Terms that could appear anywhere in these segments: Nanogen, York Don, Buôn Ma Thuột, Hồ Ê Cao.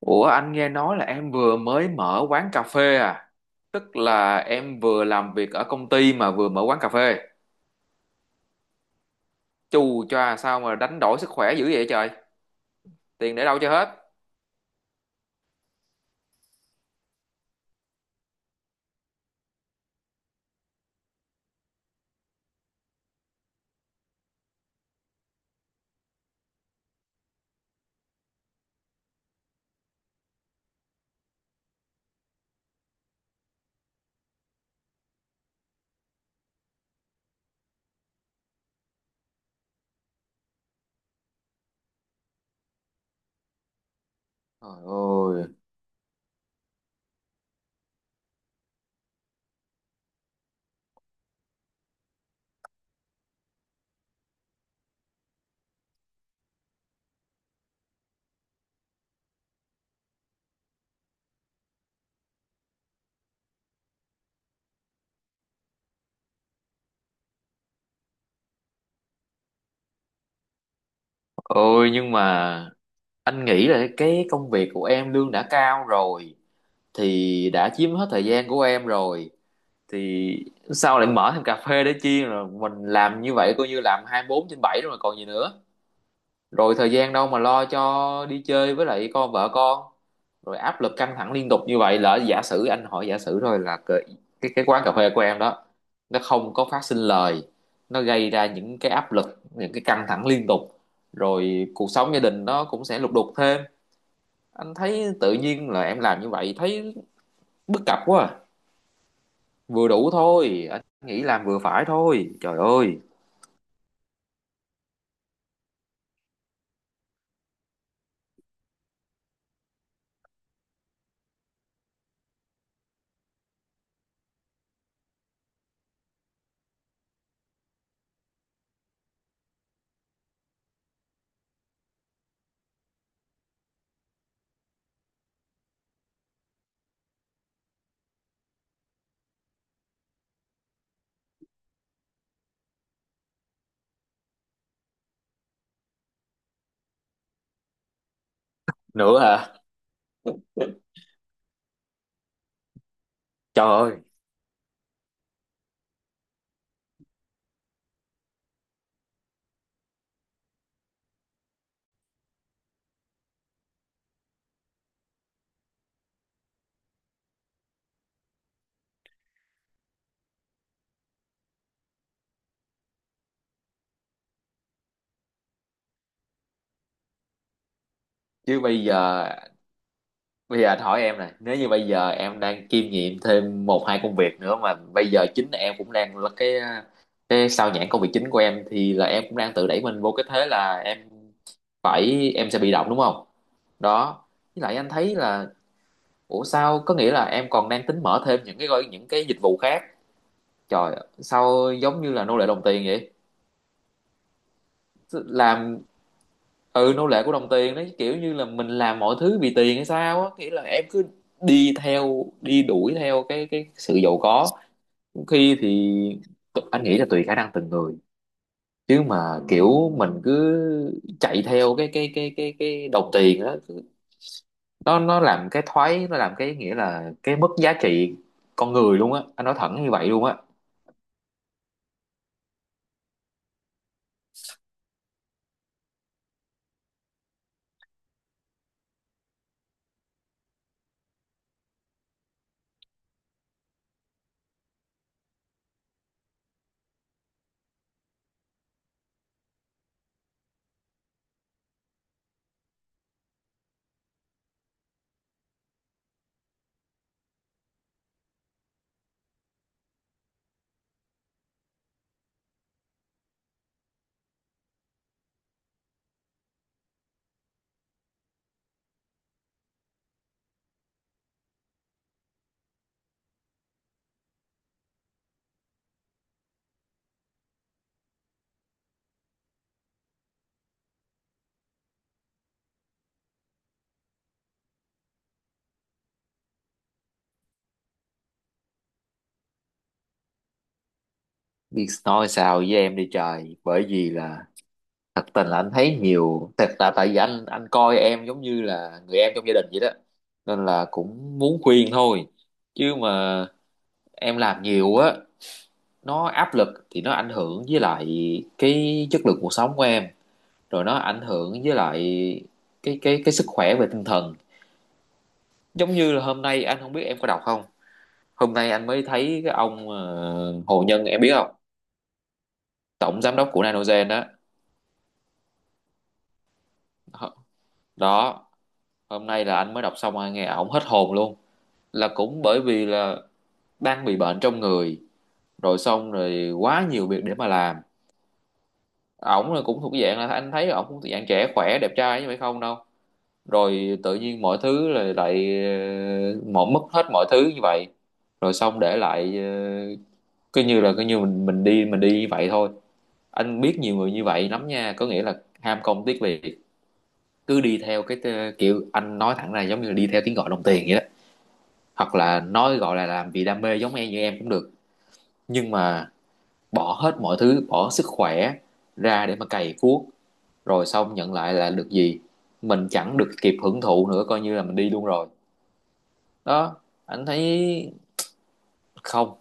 Ủa, anh nghe nói là em vừa mới mở quán cà phê à? Tức là em vừa làm việc ở công ty mà vừa mở quán cà phê. Chù choa, sao mà đánh đổi sức khỏe dữ vậy trời? Tiền để đâu cho hết? Trời ơi! Ôi, nhưng mà anh nghĩ là cái công việc của em lương đã cao rồi, thì đã chiếm hết thời gian của em rồi, thì sao lại mở thêm cà phê để chi? Rồi mình làm như vậy coi như làm 24/7 rồi mà còn gì nữa. Rồi thời gian đâu mà lo cho đi chơi với lại con vợ con? Rồi áp lực căng thẳng liên tục như vậy, lỡ, giả sử anh hỏi giả sử thôi, là cái quán cà phê của em đó nó không có phát sinh lời, nó gây ra những cái áp lực, những cái căng thẳng liên tục, rồi cuộc sống gia đình nó cũng sẽ lục đục thêm. Anh thấy tự nhiên là em làm như vậy thấy bất cập quá à. Vừa đủ thôi, anh nghĩ làm vừa phải thôi, trời ơi! Nữa hả? Trời ơi. Chứ bây giờ. Bây giờ anh hỏi em này, nếu như bây giờ em đang kiêm nhiệm thêm một hai công việc nữa mà bây giờ chính em cũng đang là cái sao nhãng công việc chính của em, thì là em cũng đang tự đẩy mình vô cái thế là em phải em sẽ bị động, đúng không? Đó. Với lại anh thấy là, ủa sao có nghĩa là em còn đang tính mở thêm những cái dịch vụ khác. Trời, sao giống như là nô lệ đồng tiền vậy? Làm, ừ, nô lệ của đồng tiền đấy, kiểu như là mình làm mọi thứ vì tiền hay sao á, nghĩa là em cứ đi theo đi đuổi theo cái sự giàu có. Khi thì anh nghĩ là tùy khả năng từng người, chứ mà kiểu mình cứ chạy theo cái đồng tiền á, nó làm cái thoái, nó làm cái, nghĩa là cái mất giá trị con người luôn á, anh nói thẳng như vậy luôn á. Biết nói sao với em đi trời, bởi vì là thật tình là anh thấy nhiều thật, là tại vì anh coi em giống như là người em trong gia đình vậy đó, nên là cũng muốn khuyên thôi. Chứ mà em làm nhiều á nó áp lực, thì nó ảnh hưởng với lại cái chất lượng cuộc sống của em, rồi nó ảnh hưởng với lại cái sức khỏe về tinh thần. Giống như là hôm nay anh không biết em có đọc không, hôm nay anh mới thấy cái ông Hồ Nhân em biết không? Tổng giám đốc của Nanogen đó. Đó, hôm nay là anh mới đọc xong, anh nghe ổng hết hồn luôn. Là cũng bởi vì là đang bị bệnh trong người, rồi xong rồi quá nhiều việc để mà làm. Ổng là cũng thuộc dạng là, anh thấy ổng cũng thuộc dạng trẻ khỏe đẹp trai như vậy không đâu. Rồi tự nhiên mọi thứ là lại, một mất hết mọi thứ như vậy, rồi xong để lại cứ như mình đi mình đi như vậy thôi. Anh biết nhiều người như vậy lắm nha, có nghĩa là ham công tiếc việc, cứ đi theo kiểu, anh nói thẳng ra, giống như là đi theo tiếng gọi đồng tiền vậy đó. Hoặc là nói gọi là làm vì đam mê giống em như em cũng được, nhưng mà bỏ hết mọi thứ, bỏ sức khỏe ra để mà cày cuốc, rồi xong nhận lại là được gì? Mình chẳng được kịp hưởng thụ nữa, coi như là mình đi luôn rồi. Đó, anh thấy không,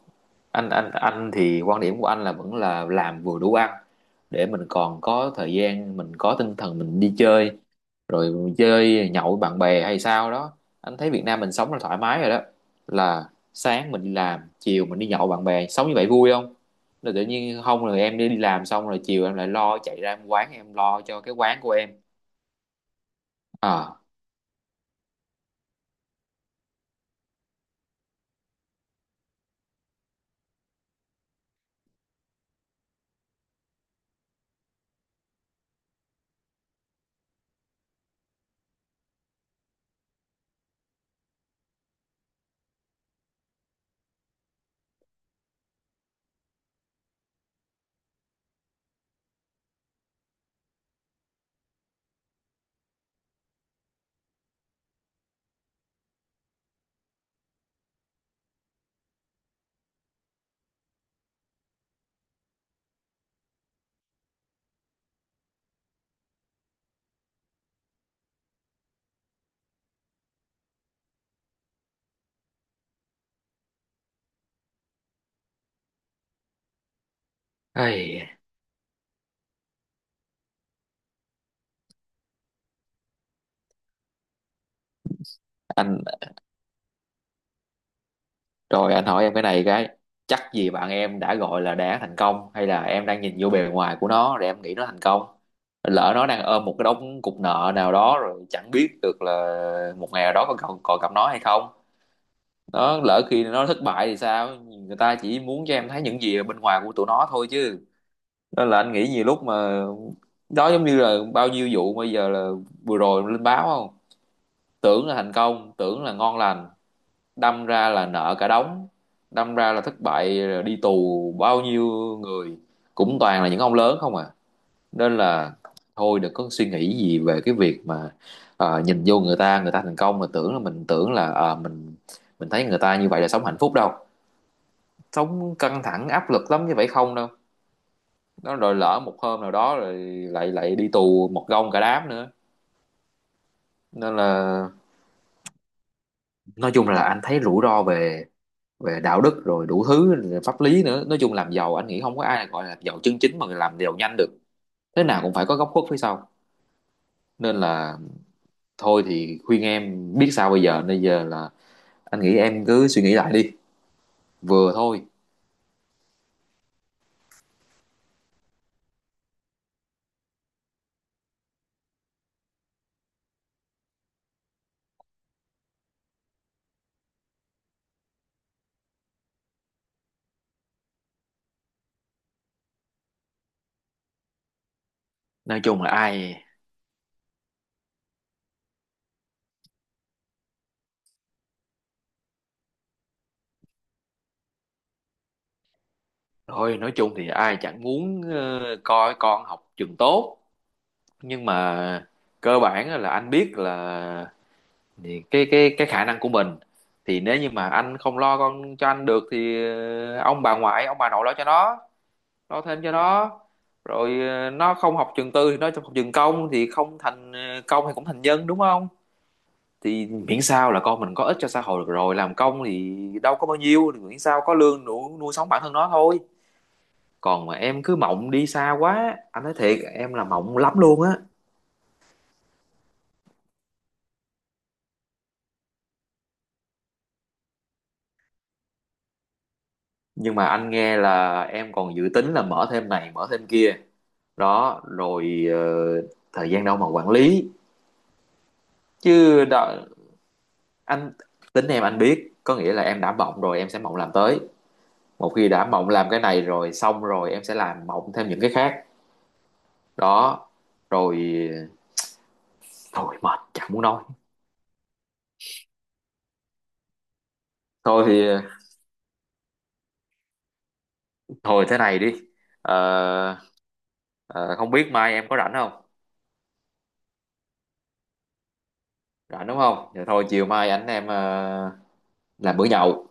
anh thì quan điểm của anh là vẫn là làm vừa đủ ăn, để mình còn có thời gian, mình có tinh thần mình đi chơi, rồi mình chơi nhậu với bạn bè hay sao đó. Anh thấy Việt Nam mình sống là thoải mái rồi đó, là sáng mình đi làm, chiều mình đi nhậu với bạn bè, sống như vậy vui không? Rồi tự nhiên không, rồi em đi làm xong rồi chiều em lại lo chạy ra em quán, em lo cho cái quán của em à. Ây, anh, rồi anh hỏi em cái này, cái, chắc gì bạn em đã gọi là đã thành công, hay là em đang nhìn vô bề ngoài của nó rồi em nghĩ nó thành công? Lỡ nó đang ôm một cái đống cục nợ nào đó rồi chẳng biết được là một ngày nào đó còn còn, còn gặp nó hay không? Nó lỡ khi nó thất bại thì sao, người ta chỉ muốn cho em thấy những gì ở bên ngoài của tụi nó thôi chứ. Nên là anh nghĩ nhiều lúc mà, đó giống như là bao nhiêu vụ bây giờ là vừa rồi lên báo không, tưởng là thành công tưởng là ngon lành, đâm ra là nợ cả đống, đâm ra là thất bại đi tù bao nhiêu người, cũng toàn là những ông lớn không à. Nên là thôi đừng có suy nghĩ gì về cái việc mà nhìn vô người ta, người ta thành công mà tưởng là mình tưởng là mình thấy người ta như vậy là sống hạnh phúc đâu. Sống căng thẳng áp lực lắm, như vậy không đâu. Nó rồi lỡ một hôm nào đó rồi lại lại đi tù một gông cả đám nữa. Nên là nói chung là anh thấy rủi ro về về đạo đức rồi đủ thứ pháp lý nữa. Nói chung làm giàu anh nghĩ không có ai gọi là giàu chân chính mà làm giàu nhanh được, thế nào cũng phải có góc khuất phía sau. Nên là thôi thì khuyên em biết sao bây giờ là anh nghĩ em cứ suy nghĩ lại đi, vừa thôi. Nói chung là ai thôi nói chung thì ai chẳng muốn coi con học trường tốt, nhưng mà cơ bản là anh biết là thì cái khả năng của mình, thì nếu như mà anh không lo con cho anh được thì ông bà ngoại ông bà nội lo cho nó, lo thêm cho nó. Rồi nó không học trường tư thì nó học trường công, thì không thành công thì cũng thành nhân, đúng không? Thì miễn sao là con mình có ích cho xã hội được rồi, làm công thì đâu có bao nhiêu, thì miễn sao có lương đủ nuôi sống bản thân nó thôi. Còn mà em cứ mộng đi xa quá, anh nói thiệt em là mộng lắm luôn á. Nhưng mà anh nghe là em còn dự tính là mở thêm này mở thêm kia, đó rồi thời gian đâu mà quản lý? Chứ đó, anh tính em anh biết, có nghĩa là em đã mộng rồi em sẽ mộng làm tới, một khi đã mộng làm cái này rồi xong rồi em sẽ làm mộng thêm những cái khác. Đó rồi, thôi mệt chẳng muốn nói. Thôi thì thôi thế này đi. Ờ, không biết mai em có rảnh không? Rảnh, đúng không? Vậy thôi chiều mai anh em làm bữa nhậu,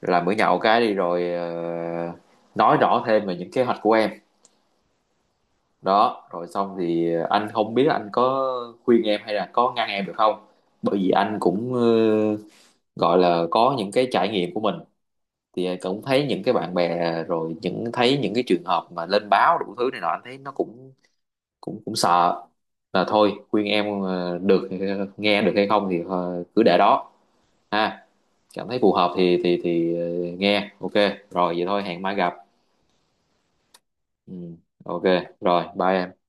cái đi rồi nói rõ thêm về những kế hoạch của em. Đó rồi xong thì anh không biết anh có khuyên em hay là có ngăn em được không, bởi vì anh cũng gọi là có những cái trải nghiệm của mình, thì cũng thấy những cái bạn bè à, rồi thấy những cái trường hợp mà lên báo đủ thứ này nọ anh thấy nó cũng cũng cũng sợ. Là thôi khuyên em được, nghe được hay không thì cứ để đó ha. Cảm thấy phù hợp thì nghe ok. Rồi vậy thôi hẹn mai gặp. Ừ, ok, rồi bye em.